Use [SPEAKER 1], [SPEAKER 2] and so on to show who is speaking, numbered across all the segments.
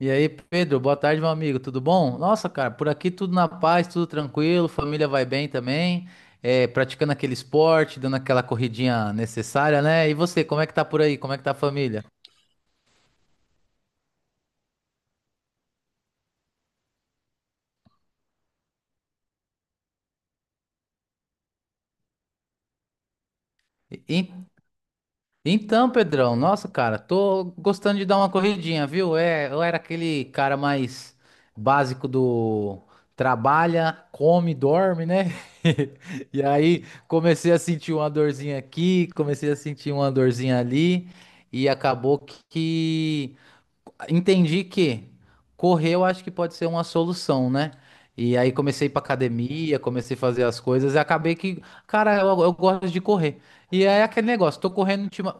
[SPEAKER 1] E aí, Pedro, boa tarde, meu amigo, tudo bom? Nossa, cara, por aqui tudo na paz, tudo tranquilo, família vai bem também, praticando aquele esporte, dando aquela corridinha necessária, né? E você, como é que tá por aí? Como é que tá a família? E- Então, Pedrão, nossa, cara, tô gostando de dar uma corridinha, viu? Eu era aquele cara mais básico do trabalha, come, dorme, né? E aí comecei a sentir uma dorzinha aqui, comecei a sentir uma dorzinha ali, e acabou que entendi que correr eu acho que pode ser uma solução, né? E aí comecei a ir pra academia, comecei a fazer as coisas e acabei que, cara, eu gosto de correr. E é aquele negócio,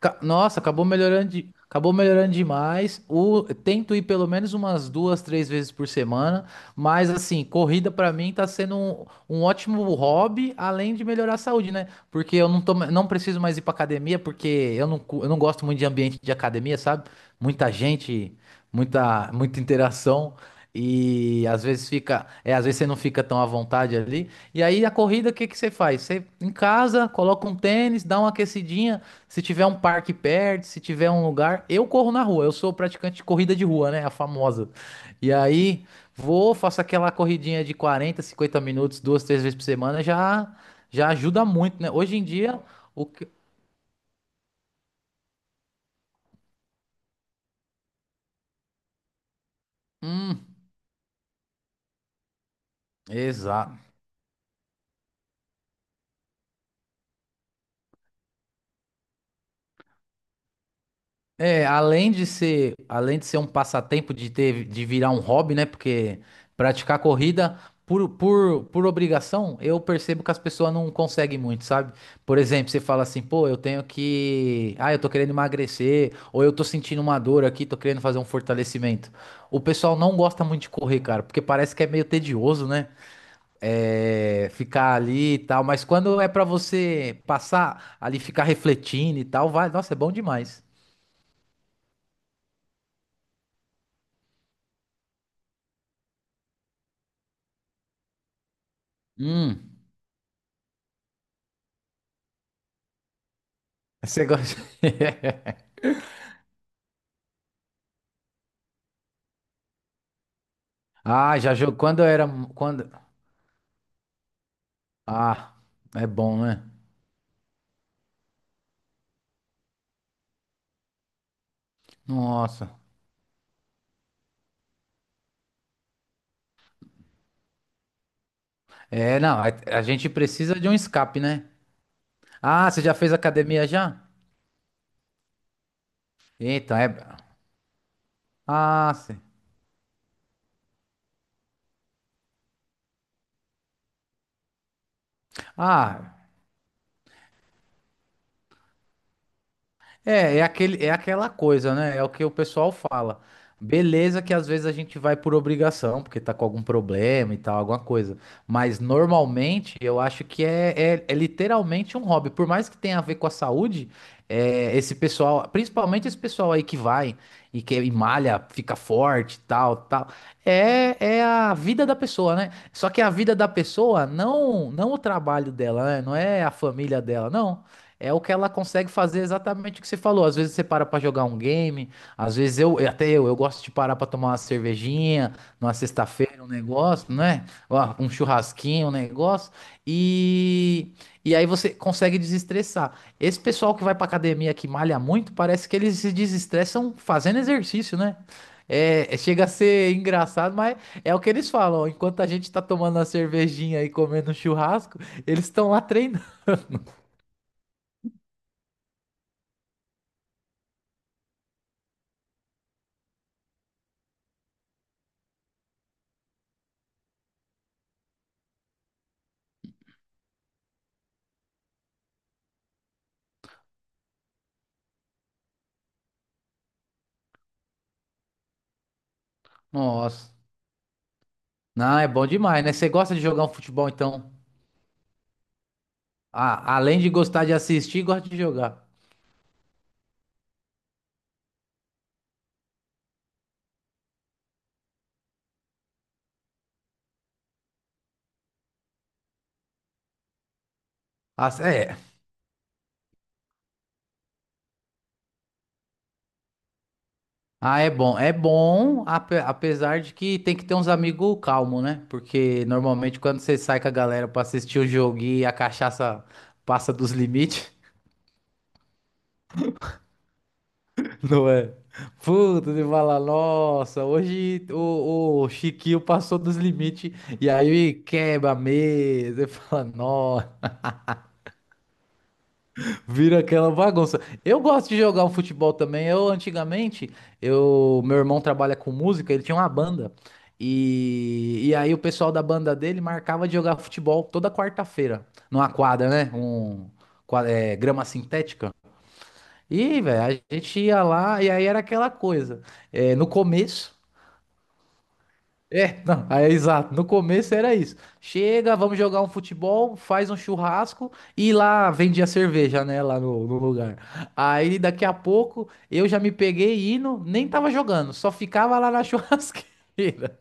[SPEAKER 1] Nossa, acabou melhorando, acabou melhorando demais. O, tento ir pelo menos umas duas, três vezes por semana, mas assim, corrida pra mim tá sendo um ótimo hobby, além de melhorar a saúde, né? Porque eu não tô, não preciso mais ir pra academia, porque eu não, eu não gosto muito de ambiente de academia, sabe? Muita gente, muita interação. E às vezes fica, às vezes você não fica tão à vontade ali. E aí a corrida, o que que você faz? Você em casa, coloca um tênis, dá uma aquecidinha. Se tiver um parque perto, se tiver um lugar, eu corro na rua. Eu sou praticante de corrida de rua, né? A famosa. E aí, vou, faço aquela corridinha de 40, 50 minutos, duas, três vezes por semana, já ajuda muito, né? Hoje em dia, o que. Hum, exato. É, além de ser um passatempo de ter, de virar um hobby, né? Porque praticar corrida por obrigação, eu percebo que as pessoas não conseguem muito, sabe? Por exemplo, você fala assim, pô, eu tenho que, ah, eu tô querendo emagrecer, ou eu tô sentindo uma dor aqui, tô querendo fazer um fortalecimento. O pessoal não gosta muito de correr, cara, porque parece que é meio tedioso, né? É, ficar ali e tal, mas quando é pra você passar ali, ficar refletindo e tal, vai, nossa, é bom demais. Hum. Você gosta? Ah, já jogou quando eu era quando Ah, é bom, né? Nossa. É, não, a gente precisa de um escape, né? Ah, você já fez academia já? Então, é Ah, sim. Ah, É, é aquela coisa, né? É o que o pessoal fala. Beleza que às vezes a gente vai por obrigação, porque tá com algum problema e tal, alguma coisa. Mas normalmente eu acho que é literalmente um hobby. Por mais que tenha a ver com a saúde, é, esse pessoal, principalmente esse pessoal aí que vai e malha, fica forte e tal, tal. É, é a vida da pessoa, né? Só que a vida da pessoa, não, não o trabalho dela, né? Não é a família dela, não. É o que ela consegue fazer exatamente o que você falou. Às vezes você para pra jogar um game, às vezes eu, eu gosto de parar pra tomar uma cervejinha numa sexta-feira, um negócio, né? Ó, um churrasquinho, um negócio. E, e aí você consegue desestressar. Esse pessoal que vai pra academia que malha muito, parece que eles se desestressam fazendo exercício, né? Chega a ser engraçado, mas é o que eles falam. Enquanto a gente tá tomando uma cervejinha e comendo um churrasco, eles estão lá treinando. Nossa. Não, é bom demais, né? Você gosta de jogar um futebol, então. Ah, além de gostar de assistir, gosta de jogar. Ah, é. Ah, é bom. É bom, apesar de que tem que ter uns amigos calmos, né? Porque normalmente quando você sai com a galera pra assistir o jogo e a cachaça passa dos limites, não é? Puta, você fala, nossa, hoje o Chiquinho passou dos limites e aí quebra a mesa. Você fala, vira aquela bagunça. Eu gosto de jogar um futebol também. Eu antigamente, meu irmão trabalha com música, ele tinha uma banda. E aí o pessoal da banda dele marcava de jogar futebol toda quarta-feira, numa quadra, né? É, grama sintética. E, velho, a gente ia lá e aí era aquela coisa. É, no começo. É, não, é exato. No começo era isso. Chega, vamos jogar um futebol, faz um churrasco e lá vendia cerveja, né? Lá no lugar. Aí daqui a pouco eu já me peguei indo, nem tava jogando, só ficava lá na churrasqueira.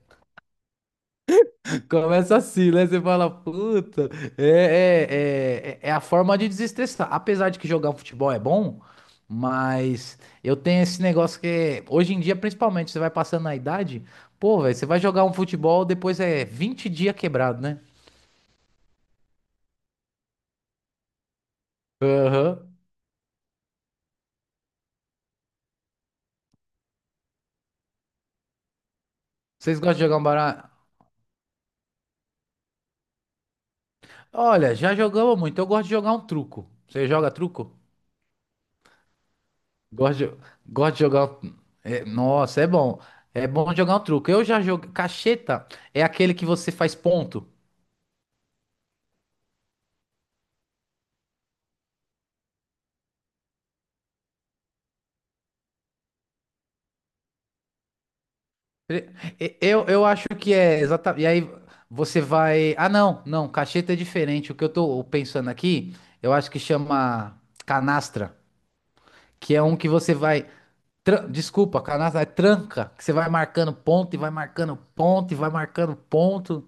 [SPEAKER 1] Começa assim, né? Você fala, puta, é a forma de desestressar. Apesar de que jogar um futebol é bom, mas eu tenho esse negócio hoje em dia, principalmente, você vai passando na idade, pô, velho, você vai jogar um futebol, depois é 20 dias quebrado, né? Aham. Vocês gostam de jogar um baralho? Olha, já jogamos muito. Eu gosto de jogar um truco. Você joga truco? Gosto de, gosto de jogar. É, nossa, é bom. É bom jogar um truco. Eu já joguei. Cacheta é aquele que você faz ponto. E- eu acho que é exatamente. E aí você vai. Ah, não, não, cacheta é diferente. O que eu tô pensando aqui, eu acho que chama canastra, que é um que você vai. Desculpa, canastra é tranca, que você vai marcando ponto e vai marcando ponto e vai marcando ponto.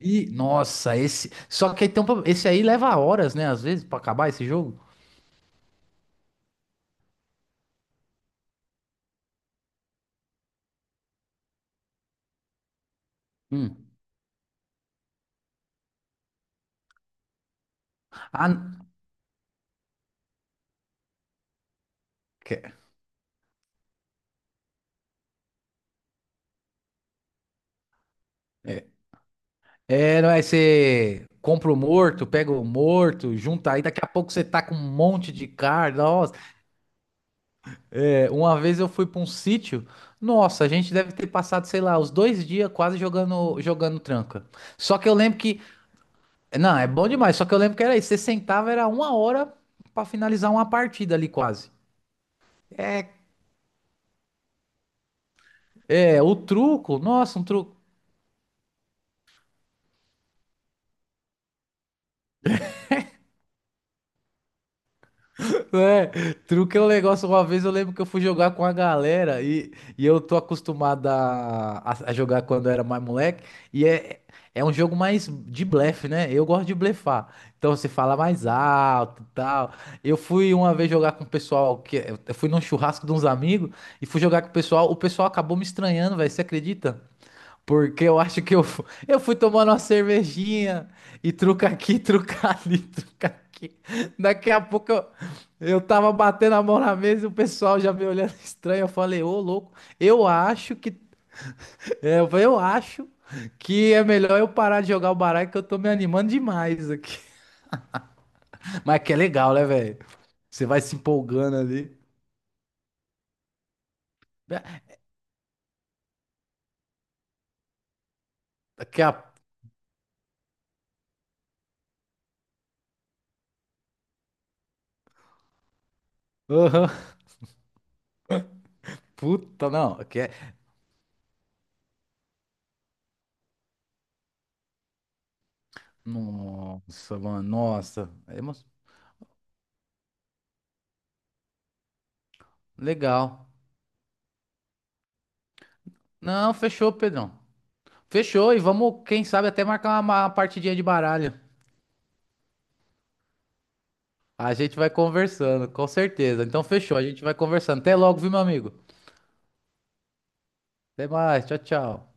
[SPEAKER 1] E, nossa, esse. Só que aí tem um... esse aí leva horas, né? Às vezes, pra acabar esse jogo. Hum. Ah, n- é. É, não é? Você compra o morto, pega o morto, junta aí, daqui a pouco você tá com um monte de carne. Nossa, é, uma vez eu fui pra um sítio, nossa, a gente deve ter passado, sei lá, os dois dias quase jogando, jogando tranca. Só que eu lembro que, não, é bom demais, só que eu lembro que era isso, você sentava, era uma hora pra finalizar uma partida ali quase. É, o truco, nossa, um truco. É, truque é um negócio. Uma vez eu lembro que eu fui jogar com a galera e eu tô acostumado a jogar quando eu era mais moleque. E é, é um jogo mais de blefe, né? Eu gosto de blefar. Então você fala mais alto e tal. Eu fui uma vez jogar com o pessoal que eu fui num churrasco de uns amigos e fui jogar com o pessoal. O pessoal acabou me estranhando, velho. Você acredita? Porque eu acho que eu, eu fui tomando uma cervejinha e truca aqui, truca ali, truca aqui. Daqui a pouco eu tava batendo a mão na mesa e o pessoal já me olhando estranho. Eu falei, ô louco, eu acho que. Eu falei, eu acho que é melhor eu parar de jogar o baralho que eu tô me animando demais aqui. Mas que é legal, né, velho? Você vai se empolgando ali. Daqui a. Aham. Puta, não. Aqui é... Nossa, mano, nossa. Legal. Não, fechou, Pedrão. Fechou e vamos, quem sabe, até marcar uma partidinha de baralho. A gente vai conversando, com certeza. Então fechou, a gente vai conversando. Até logo, viu, meu amigo? Até mais, tchau, tchau.